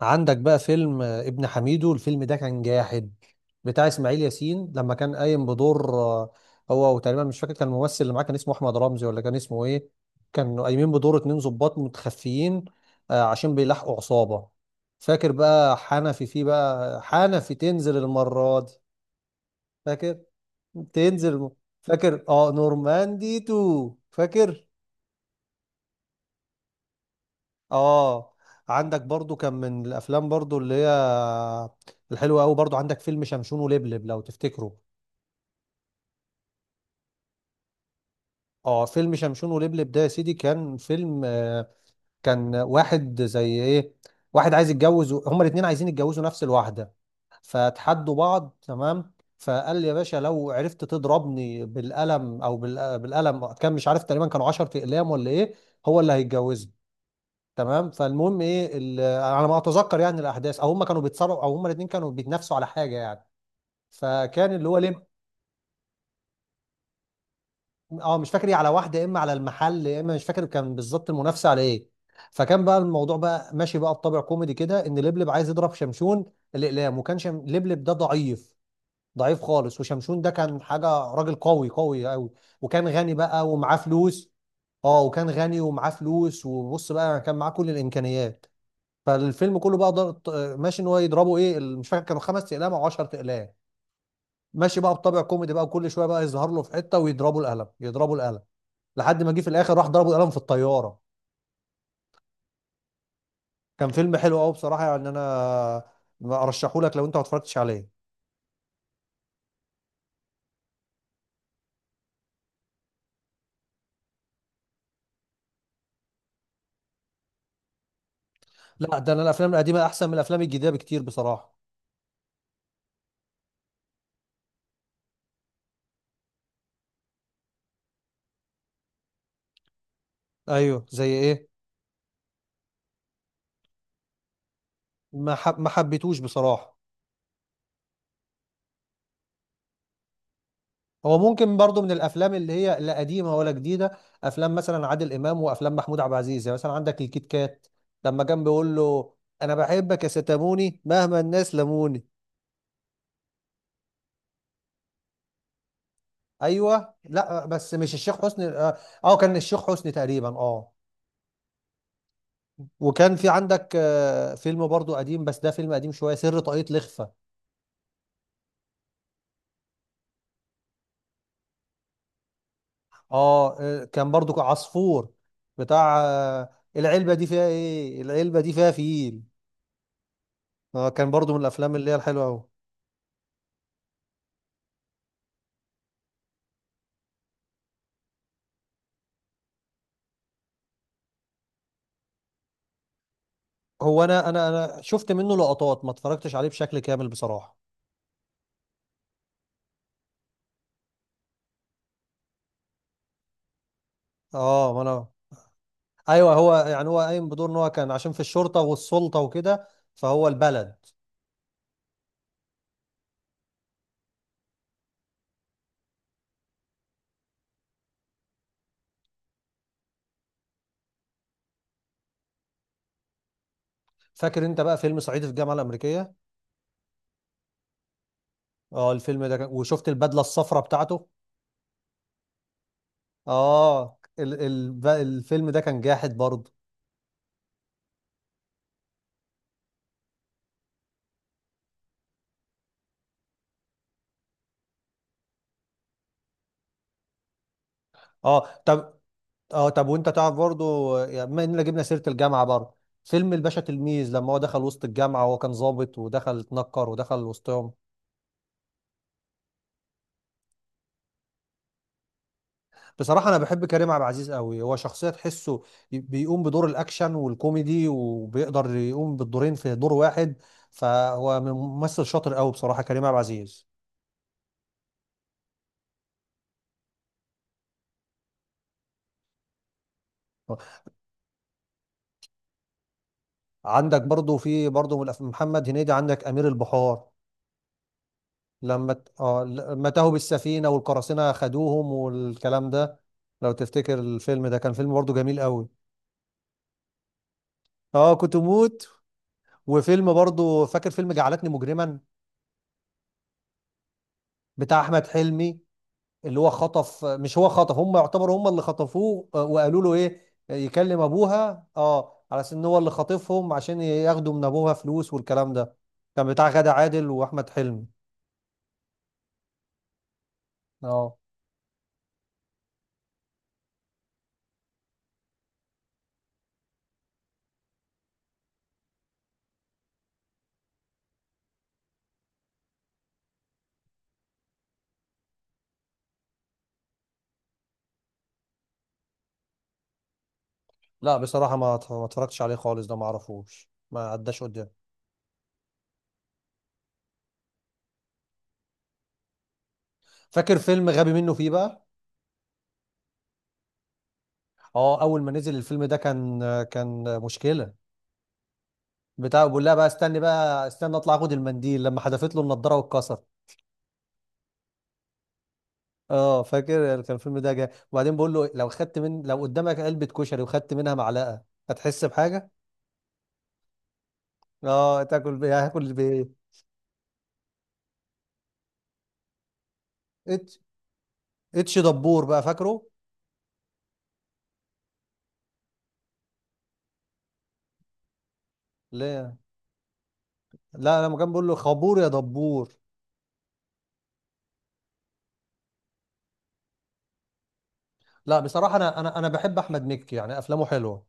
عندك بقى فيلم ابن حميدو، الفيلم ده كان جاحد بتاع اسماعيل ياسين لما كان قايم بدور. هو وتقريبا مش فاكر، كان الممثل اللي معاه كان اسمه احمد رمزي ولا كان اسمه ايه. كانوا قايمين بدور اتنين ضباط متخفيين عشان بيلاحقوا عصابة. فاكر بقى حنفي، فيه بقى حنفي تنزل المرة دي، فاكر تنزل، فاكر اه نورماندي تو، فاكر اه. عندك برضو كان من الافلام برضو اللي هي الحلوه قوي، برضو عندك فيلم شمشون ولبلب لو تفتكره. اه فيلم شمشون ولبلب ده يا سيدي كان فيلم. كان واحد زي ايه، واحد عايز يتجوز هما الاتنين عايزين يتجوزوا نفس الواحده فتحدوا بعض. تمام، فقال لي يا باشا لو عرفت تضربني بالقلم او بالقلم، كان مش عارف تقريبا كانوا 10 اقلام ولا ايه، هو اللي هيتجوزني. تمام، فالمهم ايه على ما اتذكر يعني الاحداث، او هم كانوا بيتصارعوا، او هم الاثنين كانوا بيتنافسوا على حاجه يعني، فكان اللي هو ليه. اه مش فاكر ايه، على واحده يا اما على المحل يا اما مش فاكر كان بالظبط المنافسه على ايه. فكان بقى الموضوع بقى ماشي بقى بطابع كوميدي كده ان لبلب عايز يضرب شمشون الاقلام، وكان لبلب ده ضعيف، ضعيف خالص. وشمشون ده كان حاجه راجل قوي قوي قوي، وكان غني بقى ومعاه فلوس. اه وكان غني ومعاه فلوس، وبص بقى كان معاه كل الامكانيات. فالفيلم كله بقى ضغط ماشي ان هو يضربه ايه مش فاكر كانوا خمس اقلام او 10 اقلام، ماشي بقى بطابع كوميدي بقى، وكل شويه بقى يظهر له في حته ويضربوا القلم يضربوا القلم، لحد ما جه في الاخر راح ضربوا القلم في الطياره. كان فيلم حلو قوي بصراحه يعني، انا ارشحه لك لو انت ما اتفرجتش عليه. لا ده انا الافلام القديمه احسن من الافلام الجديده بكتير بصراحه. ايوه زي ايه. ما حبيتوش بصراحه. هو ممكن برضو من الافلام اللي هي لا قديمه ولا جديده. افلام مثلا عادل امام وافلام محمود عبد العزيز يعني، مثلا عندك الكيت كات، لما كان بيقول له: انا بحبك يا ستاموني مهما الناس لموني. ايوه، لا بس مش الشيخ حسني اه. كان الشيخ حسني تقريبا اه. وكان في عندك فيلم برضو قديم، بس ده فيلم قديم شويه، سر طاقية لخفة. اه كان برضو عصفور بتاع العلبه دي فيها ايه، العلبه دي فيها فيل. اه كان برضو من الافلام اللي هي الحلوه قوي. هو انا شفت منه لقطات، ما اتفرجتش عليه بشكل كامل بصراحه. اه ما انا. ايوه هو، يعني هو قايم بدور ان هو كان عشان في الشرطه والسلطه وكده، فهو البلد. فاكر انت بقى فيلم صعيدي في الجامعه الامريكيه؟ اه الفيلم ده كان، وشفت البدله الصفراء بتاعته. اه الفيلم ده كان جاحد برضه. اه طب. اه طب وانت تعرف برضه، يعني بما اننا جبنا سيره الجامعه برضه، فيلم الباشا تلميذ، لما هو دخل وسط الجامعه وهو كان ضابط ودخل اتنكر ودخل وسطهم. بصراحة أنا بحب كريم عبد العزيز قوي، هو شخصية تحسه بيقوم بدور الأكشن والكوميدي، وبيقدر يقوم بالدورين في دور واحد. فهو ممثل شاطر قوي بصراحة كريم عبد العزيز. عندك برضو، في برضو من محمد هنيدي، عندك أمير البحار، لما آه لما تاهوا بالسفينة والقراصنة خدوهم والكلام ده. لو تفتكر الفيلم ده كان فيلم برضو جميل قوي. اه كنت موت. وفيلم برضو، فاكر فيلم جعلتني مجرما بتاع أحمد حلمي، اللي هو خطف، مش هو خطف، هم يعتبروا هم اللي خطفوه. وقالوا له ايه، يكلم ابوها اه على اساس ان هو اللي خاطفهم عشان ياخدوا من ابوها فلوس والكلام ده. كان بتاع غادة عادل واحمد حلمي اه. لا بصراحة ما اتفرجتش عليه خالص، ده ما اعرفوش ما عداش قدامي. فاكر فيلم غبي منه فيه بقى؟ اه اول ما نزل الفيلم ده كان، كان مشكلة. بتاع بقول لها بقى: استني بقى، استني اطلع اخد المنديل، لما حدفت له النضارة واتكسر. اه فاكر كان الفيلم ده جاي، وبعدين بقول له: لو خدت من، لو قدامك علبة كشري وخدت منها معلقة، هتحس بحاجة؟ اه تاكل بيه، هاكل بايه؟ اتش، اتش دبور بقى فاكره؟ لا لا لما كان بقول له: خبور يا دبور. لا بصراحة انا بحب احمد مكي يعني افلامه حلوة.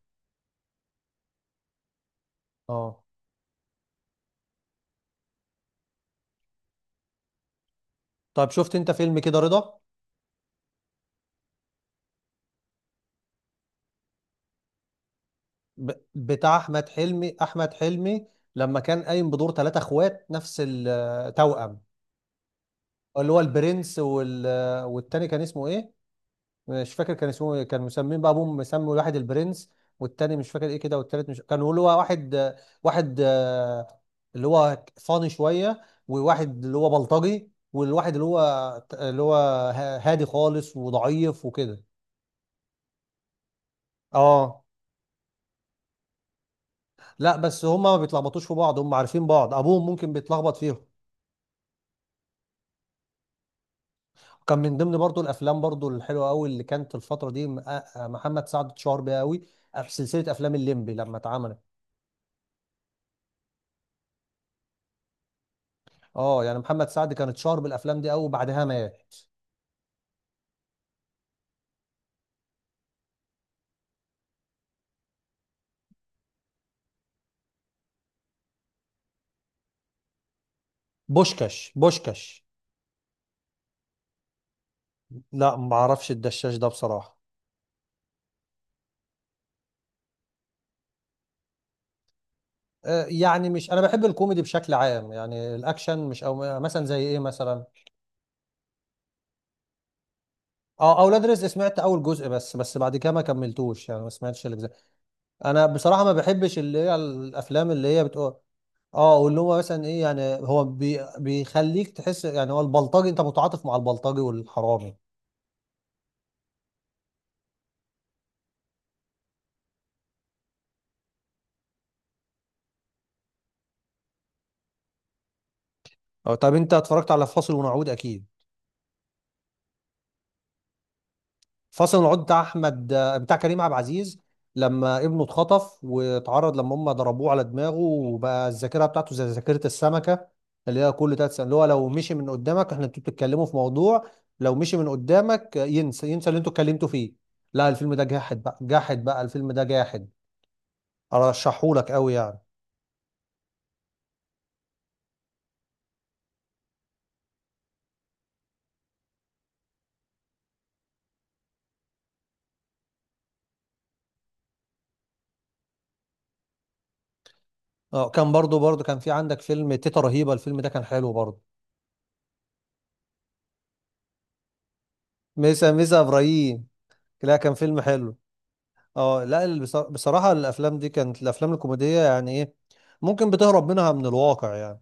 اه طب شفت انت فيلم كده رضا؟ بتاع احمد حلمي، احمد حلمي لما كان قايم بدور ثلاثة اخوات نفس التوأم، اللي هو البرنس والتاني كان اسمه ايه؟ مش فاكر كان اسمه ايه، كان مسمين بقى، ابوهم مسمي واحد البرنس والتاني مش فاكر ايه كده، والتالت مش كان اللي هو واحد، واحد اللي هو فاني شويه، وواحد اللي هو بلطجي، والواحد اللي هو اللي هو هادي خالص وضعيف وكده. اه لا بس هما ما بيتلخبطوش في بعض، هما عارفين بعض، ابوهم ممكن بيتلخبط فيهم. كان من ضمن برضو الافلام برضو الحلوه قوي اللي كانت الفتره دي محمد سعد اتشهر بيها قوي في سلسله افلام الليمبي لما اتعملت. اه يعني محمد سعد كان اتشهر بالافلام دي قوي وبعدها مات. بوشكاش، بوشكاش. لا ما اعرفش الدشاش ده بصراحه. يعني مش، انا بحب الكوميدي بشكل عام، يعني الاكشن مش، او مثلا زي ايه مثلا. اه اولاد رزق سمعت اول جزء بس، بس بعد كده ما كملتوش، يعني ما سمعتش الاجزاء. انا بصراحه ما بحبش اللي هي الافلام اللي هي بتقول. اه واللي هو مثلا ايه، يعني هو بيخليك تحس يعني هو البلطجي، انت متعاطف مع البلطجي والحرامي. اه طب انت اتفرجت على فاصل ونعود؟ اكيد، فصل العود بتاع احمد، بتاع كريم عبد العزيز، لما ابنه اتخطف واتعرض، لما هم ضربوه على دماغه، وبقى الذاكره بتاعته زي ذاكره السمكه اللي هي كل 3 سنين، اللي هو لو مشي من قدامك، احنا انتوا بتتكلموا في موضوع لو مشي من قدامك ينسى، ينسى اللي انتوا اتكلمتوا فيه. لا الفيلم ده جاحد بقى، جاحد بقى، الفيلم ده جاحد، ارشحهولك قوي يعني. اه كان برضو كان في عندك فيلم تيتا رهيبه، الفيلم ده كان حلو برضو. ميسا، ميسا ابراهيم. لا كان فيلم حلو. اه لا بصراحة الافلام دي كانت الافلام الكوميدية يعني ايه، ممكن بتهرب منها من الواقع يعني.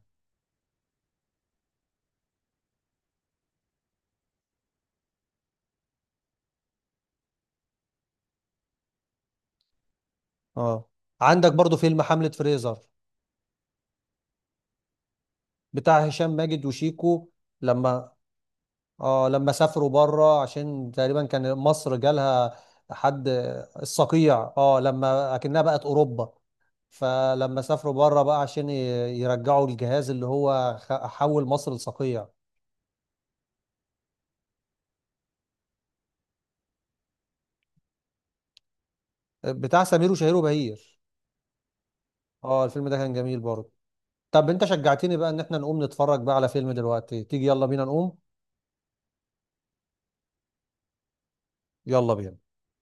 اه عندك برضو فيلم حملة فريزر بتاع هشام ماجد وشيكو، لما اه لما سافروا بره عشان تقريبا كان مصر جالها حد، الصقيع اه، لما اكنها بقت اوروبا، فلما سافروا بره بقى عشان يرجعوا الجهاز اللي هو حول مصر لصقيع. بتاع سمير وشهير وبهير. اه الفيلم ده كان جميل برضه. طب انت شجعتني بقى ان احنا نقوم نتفرج بقى على فيلم دلوقتي، تيجي يلا بينا نقوم. يلا بينا.